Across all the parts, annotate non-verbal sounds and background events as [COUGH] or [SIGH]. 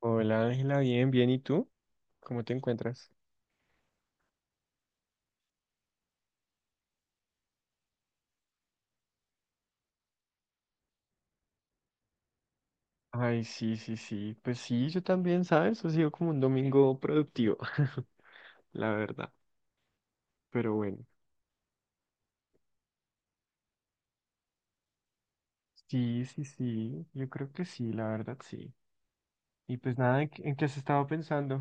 Hola Ángela, bien, bien, ¿y tú? ¿Cómo te encuentras? Ay, sí, sí, sí. Pues sí, yo también, ¿sabes? Ha sido como un domingo productivo, [LAUGHS] la verdad. Pero bueno, sí, sí, sí, yo creo que sí, la verdad, sí. Y pues nada, ¿en qué has estado pensando?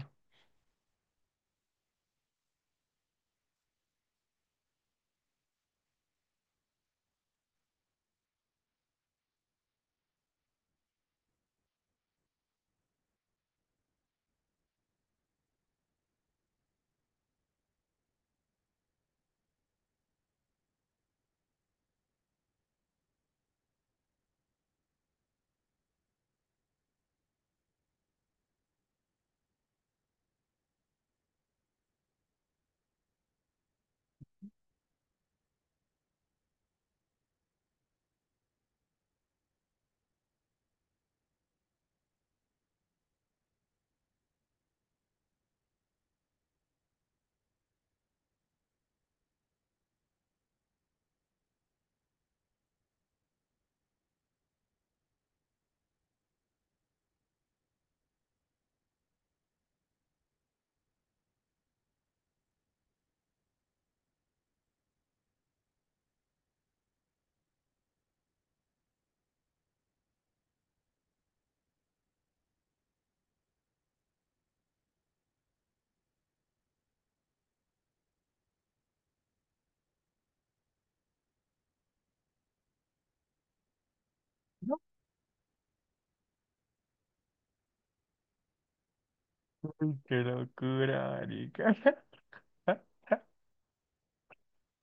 Uy, qué locura, marica. [LAUGHS]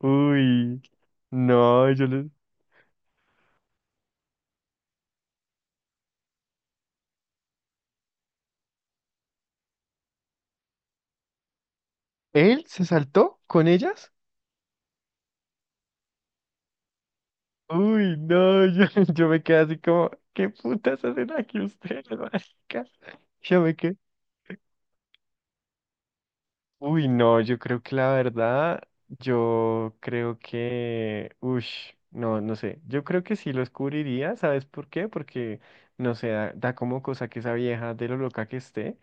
Uy, no, yo le... ¿Él se saltó con ellas? Uy, no, yo, [LAUGHS] yo me quedé así como, ¿qué putas hacen aquí ustedes, marica? Yo me quedé, uy, no, yo creo que la verdad, yo creo que, ush, no, no sé, yo creo que sí los cubriría, ¿sabes por qué? Porque, no sé, da, da como cosa que esa vieja de lo loca que esté,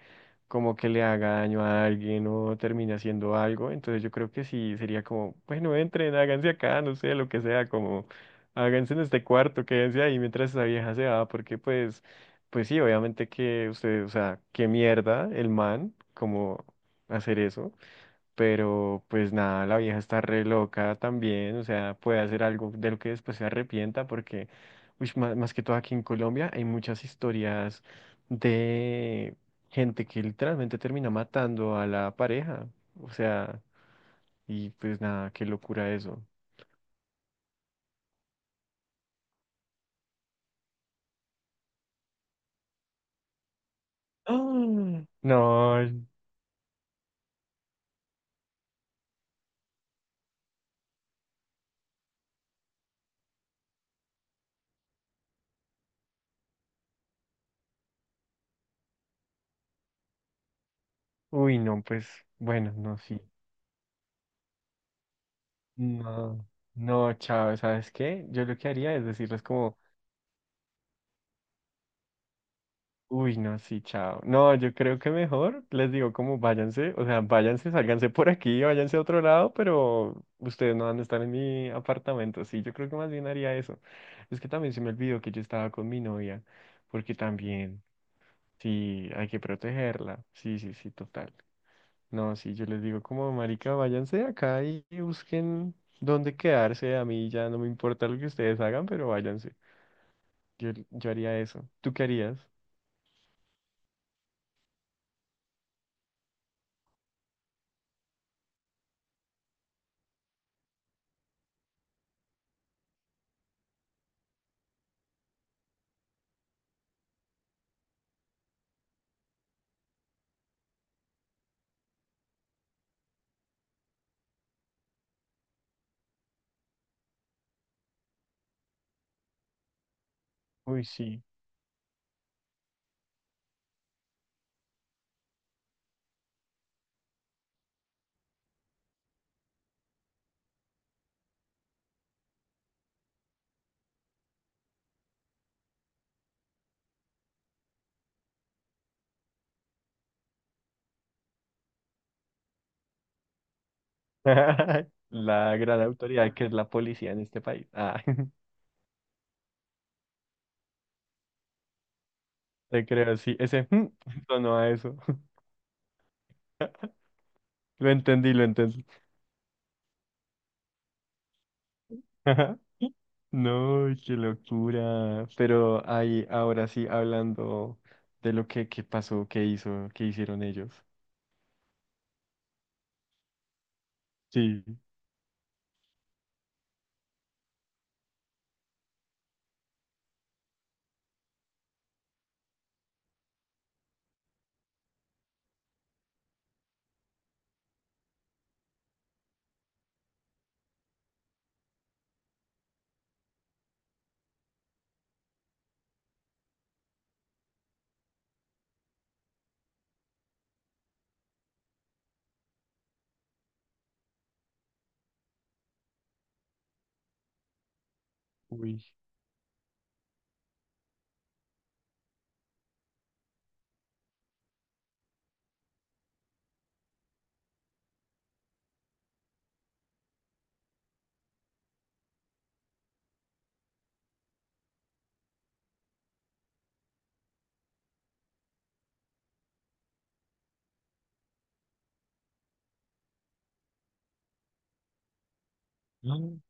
como que le haga daño a alguien o termine haciendo algo, entonces yo creo que sí sería como, bueno, entren, háganse acá, no sé, lo que sea, como, háganse en este cuarto, quédense ahí mientras esa vieja se va, porque pues, pues sí, obviamente que usted, o sea, qué mierda el man, como hacer eso. Pero pues nada, la vieja está re loca también, o sea, puede hacer algo de lo que después se arrepienta porque, uy, más, más que todo aquí en Colombia hay muchas historias de gente que literalmente termina matando a la pareja, o sea, y pues nada, qué locura eso. Mm. No, uy, no, pues bueno, no, sí. No, no, chao, ¿sabes qué? Yo lo que haría es decirles como... Uy, no, sí, chao. No, yo creo que mejor les digo como váyanse, o sea, váyanse, sálganse por aquí, váyanse a otro lado, pero ustedes no van a estar en mi apartamento. Sí, yo creo que más bien haría eso. Es que también se me olvidó que yo estaba con mi novia, porque también, sí, hay que protegerla. Sí, sí, sí, total. No, sí, yo les digo como, marica, váyanse de acá y busquen dónde quedarse. A mí ya no me importa lo que ustedes hagan, pero váyanse. Yo haría eso. ¿Tú qué harías? Uy, sí. [LAUGHS] La gran autoridad que es la policía en este país. Ah, [LAUGHS] te creo, sí. Ese [LAUGHS] sonó a eso. [LAUGHS] Lo entendí, lo entendí. [LAUGHS] No, qué locura. Pero ahí, ahora sí, hablando de lo que pasó, qué hizo, qué hicieron ellos. Sí. Uy. [GASPS] Mm.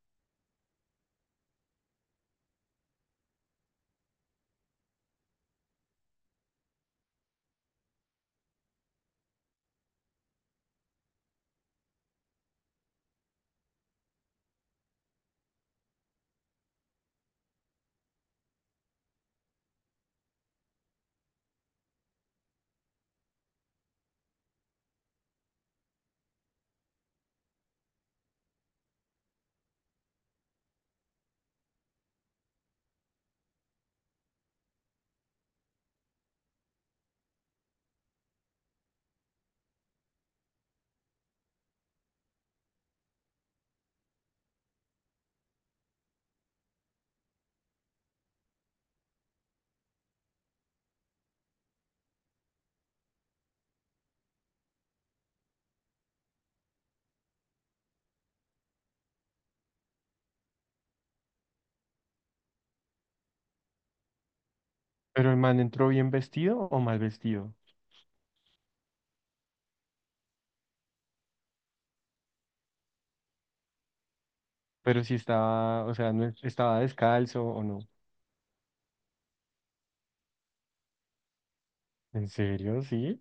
Pero el man entró bien vestido o mal vestido. Pero si estaba, o sea, no es- estaba descalzo o no. ¿En serio? Sí.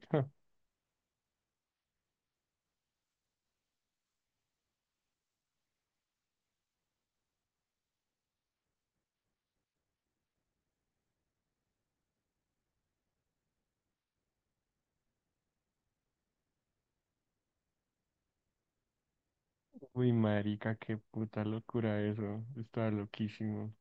Uy, marica, qué puta locura eso. Estaba loquísimo.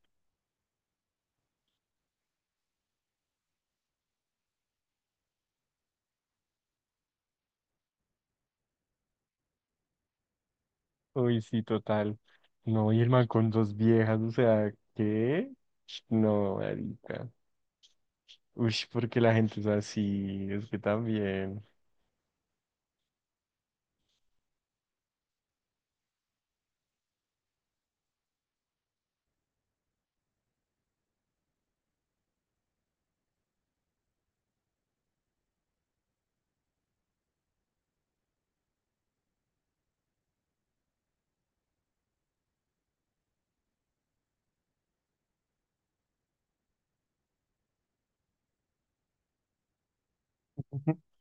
Uy, sí, total. No, y el man con dos viejas, o sea, ¿qué? No, marica. Uy, porque la gente es así, es que también. [LAUGHS]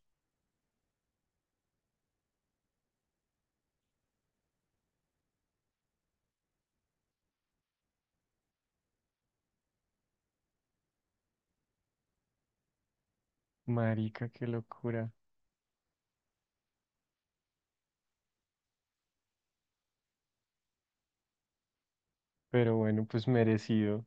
Marica, qué locura. Pero bueno, pues merecido.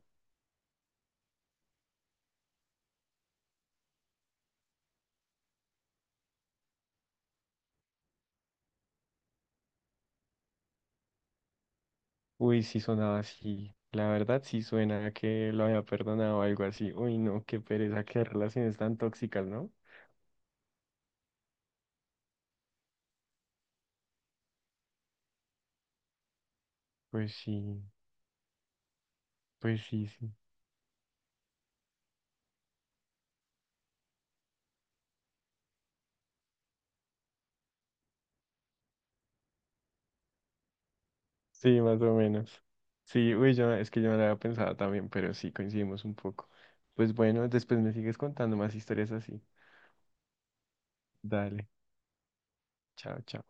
Uy, sí sonaba así. La verdad sí suena a que lo había perdonado o algo así. Uy, no, qué pereza, qué relaciones tan tóxicas, ¿no? Pues sí, pues sí, sí. Sí, más o menos. Sí, uy, yo, es que yo no lo había pensado también, pero sí coincidimos un poco. Pues bueno, después me sigues contando más historias así. Dale, chao, chao.